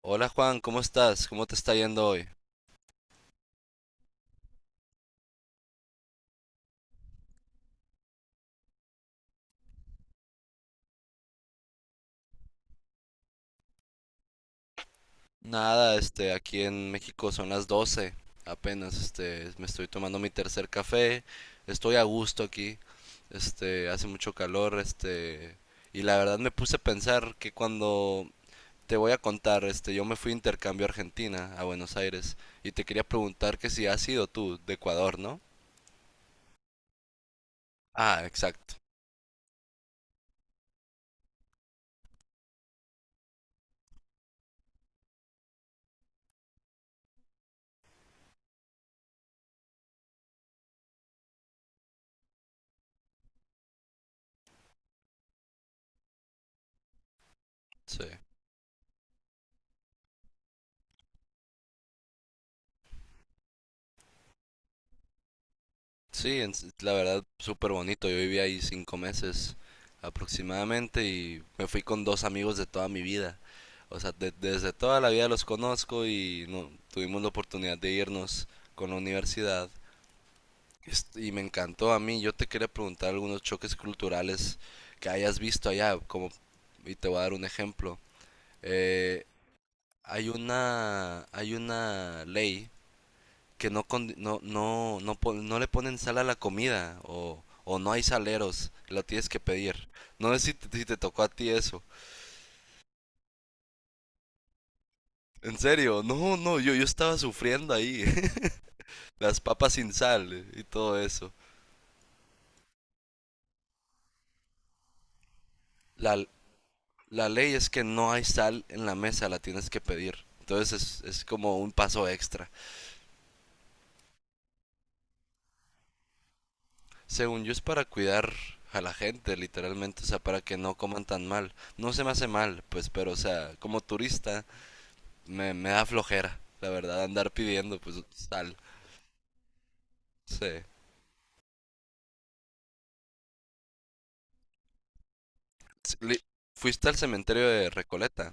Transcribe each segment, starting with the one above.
Hola Juan, ¿cómo estás? ¿Cómo te está yendo hoy? Nada, aquí en México son las 12. Apenas, me estoy tomando mi tercer café, estoy a gusto aquí, hace mucho calor, y la verdad me puse a pensar que cuando te voy a contar, yo me fui de intercambio a Argentina, a Buenos Aires, y te quería preguntar que si has sido tú de Ecuador, ¿no? Ah, exacto, sí. Sí, la verdad, súper bonito. Yo viví ahí 5 meses aproximadamente y me fui con dos amigos de toda mi vida. O sea, desde toda la vida los conozco y no, tuvimos la oportunidad de irnos con la universidad. Y me encantó a mí. Yo te quería preguntar algunos choques culturales que hayas visto allá, como, y te voy a dar un ejemplo. Eh, hay una ley que no, no, no, no, no le ponen sal a la comida o no hay saleros, lo tienes que pedir. No sé si te tocó a ti eso. En serio, no, no, yo estaba sufriendo ahí. Las papas sin sal, y todo eso. La, la ley es que no hay sal en la mesa, la tienes que pedir. Entonces es como un paso extra. Según yo es para cuidar a la gente, literalmente, o sea, para que no coman tan mal. No se me hace mal, pues, pero, o sea, como turista, me da flojera, la verdad, andar pidiendo, pues sal. Sí. Sí, Fuiste al cementerio de Recoleta.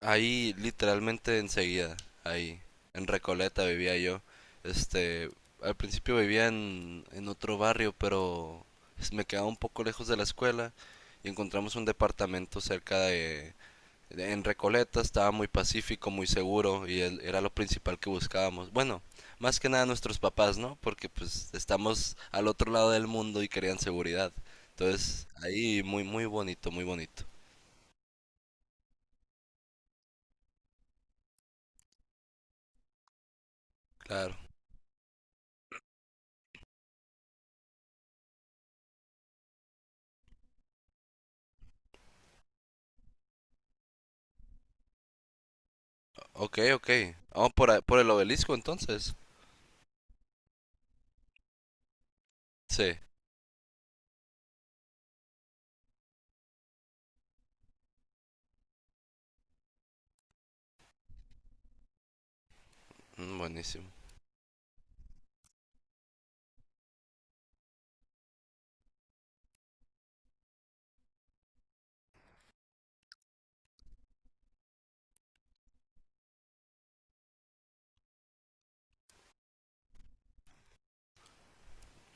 Ahí, literalmente enseguida, ahí, en Recoleta vivía yo. Este, al principio vivía en otro barrio, pero me quedaba un poco lejos de la escuela y encontramos un departamento cerca de. En Recoleta estaba muy pacífico, muy seguro y era lo principal que buscábamos. Bueno, más que nada nuestros papás, ¿no? Porque pues estamos al otro lado del mundo y querían seguridad. Entonces, ahí muy, muy bonito, muy bonito. Claro. Ok, ok. Vamos por, por el obelisco entonces. Sí, Mm, buenísimo.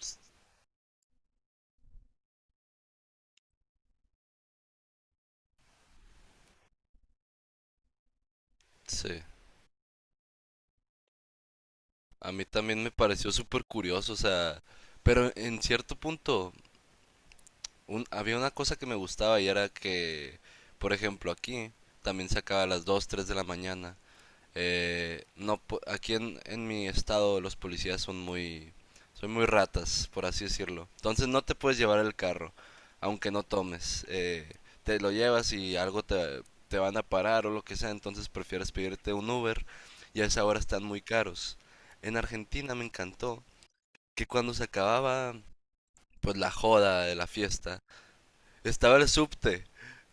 S- Sí, a mí también me pareció súper curioso, o sea, pero en cierto punto. Había una cosa que me gustaba y era que, por ejemplo, aquí también se acaba a las 2 3 de la mañana. No, aquí en mi estado los policías son muy, ratas, por así decirlo. Entonces no te puedes llevar el carro, aunque no tomes. Te lo llevas y algo te van a parar o lo que sea, entonces prefieres pedirte un Uber y a esa hora están muy caros. En Argentina me encantó que cuando se acababa pues la joda de la fiesta, estaba el subte,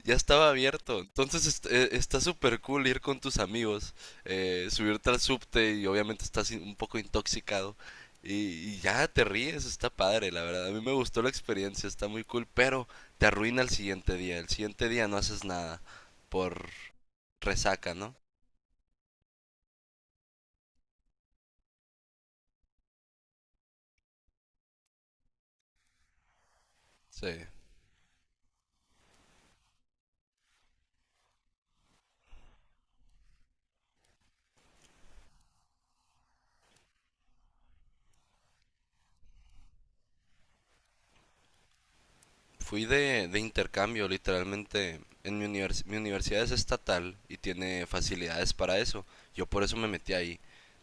ya estaba abierto. Entonces está súper cool ir con tus amigos, subirte al subte y obviamente estás un poco intoxicado. Y ya te ríes, está padre, la verdad. A mí me gustó la experiencia, está muy cool, pero te arruina el siguiente día. El siguiente día no haces nada por resaca, ¿no? Sí. Fui de intercambio, literalmente. Mi universidad es estatal y tiene facilidades para eso. Yo por eso me metí ahí.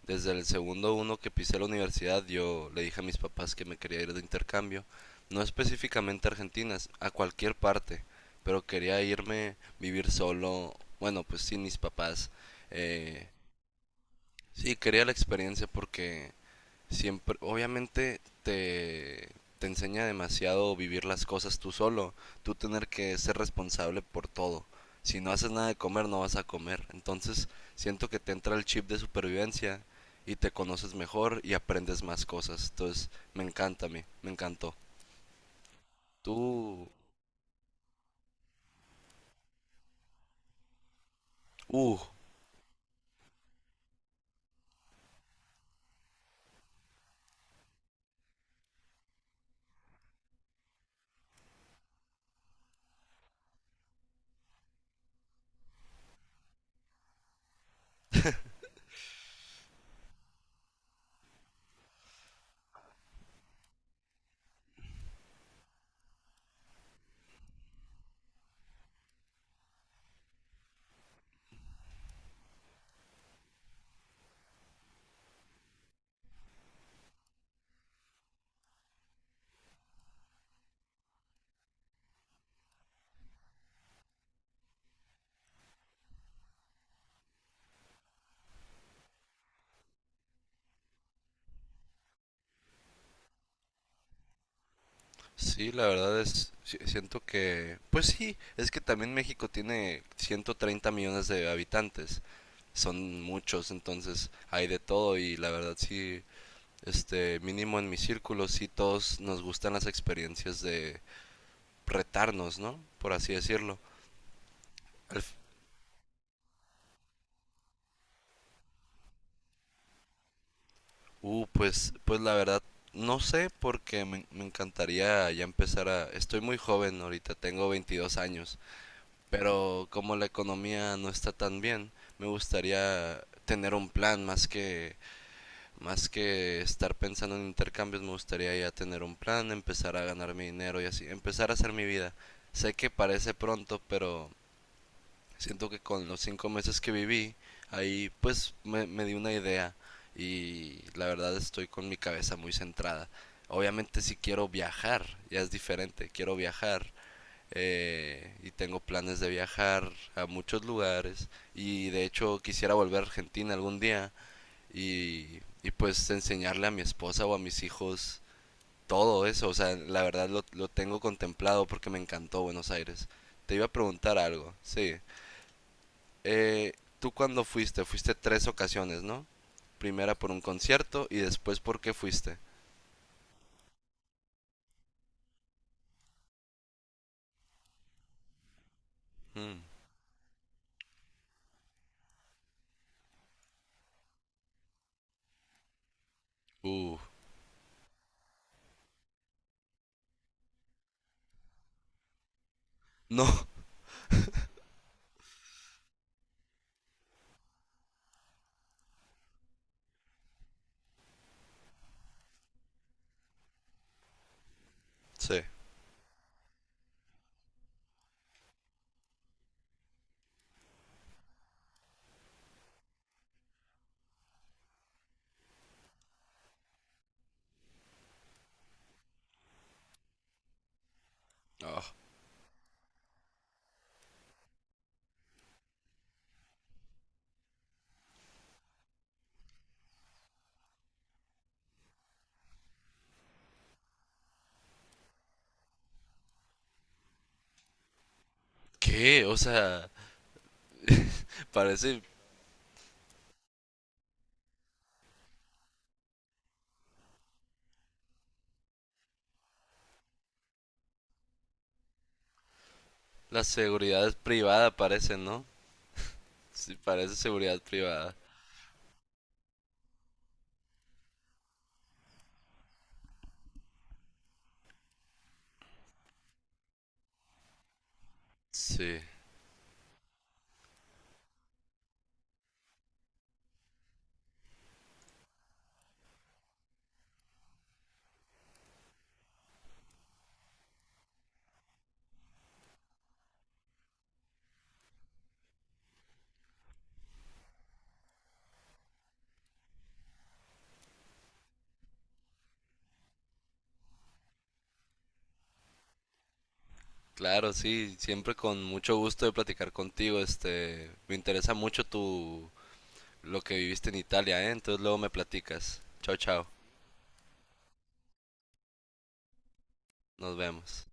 Desde el segundo uno que pisé la universidad, yo le dije a mis papás que me quería ir de intercambio. No específicamente a Argentina, a cualquier parte. Pero quería irme, vivir solo. Bueno, pues sin mis papás. Eh, sí, quería la experiencia porque siempre, obviamente te enseña demasiado vivir las cosas tú solo, tú tener que ser responsable por todo. Si no haces nada de comer, no vas a comer. Entonces, siento que te entra el chip de supervivencia y te conoces mejor y aprendes más cosas. Entonces, me encanta a mí, me encantó. Tú, uh, sí, la verdad es, siento que, pues sí, es que también México tiene 130 millones de habitantes. Son muchos, entonces hay de todo y la verdad sí, mínimo en mi círculo, sí todos nos gustan las experiencias de retarnos, ¿no? Por así decirlo. Al- f- pues la verdad, no sé porque me encantaría ya empezar a. Estoy muy joven ahorita, tengo 22 años, pero como la economía no está tan bien, me gustaría tener un plan más que estar pensando en intercambios, me gustaría ya tener un plan, empezar a ganar mi dinero y así, empezar a hacer mi vida. Sé que parece pronto, pero siento que con los 5 meses que viví, ahí pues me di una idea y la verdad estoy con mi cabeza muy centrada. Obviamente si quiero viajar, ya es diferente, quiero viajar, y tengo planes de viajar a muchos lugares y de hecho quisiera volver a Argentina algún día y pues enseñarle a mi esposa o a mis hijos todo eso. O sea, la verdad lo tengo contemplado porque me encantó Buenos Aires. Te iba a preguntar algo, sí. Eh, ¿Tú cuándo fuiste? Fuiste 3 ocasiones, ¿no? Primera por un concierto y después por qué fuiste. Mm. Uh, no, sí. Ah, ¿Qué? O sea, parece la seguridad privada, parece, ¿no? Sí, parece seguridad privada. Sí. Claro, sí, siempre con mucho gusto de platicar contigo. Me interesa mucho tu lo que viviste en Italia, ¿eh? Entonces luego me platicas. Chao, chao. Nos vemos.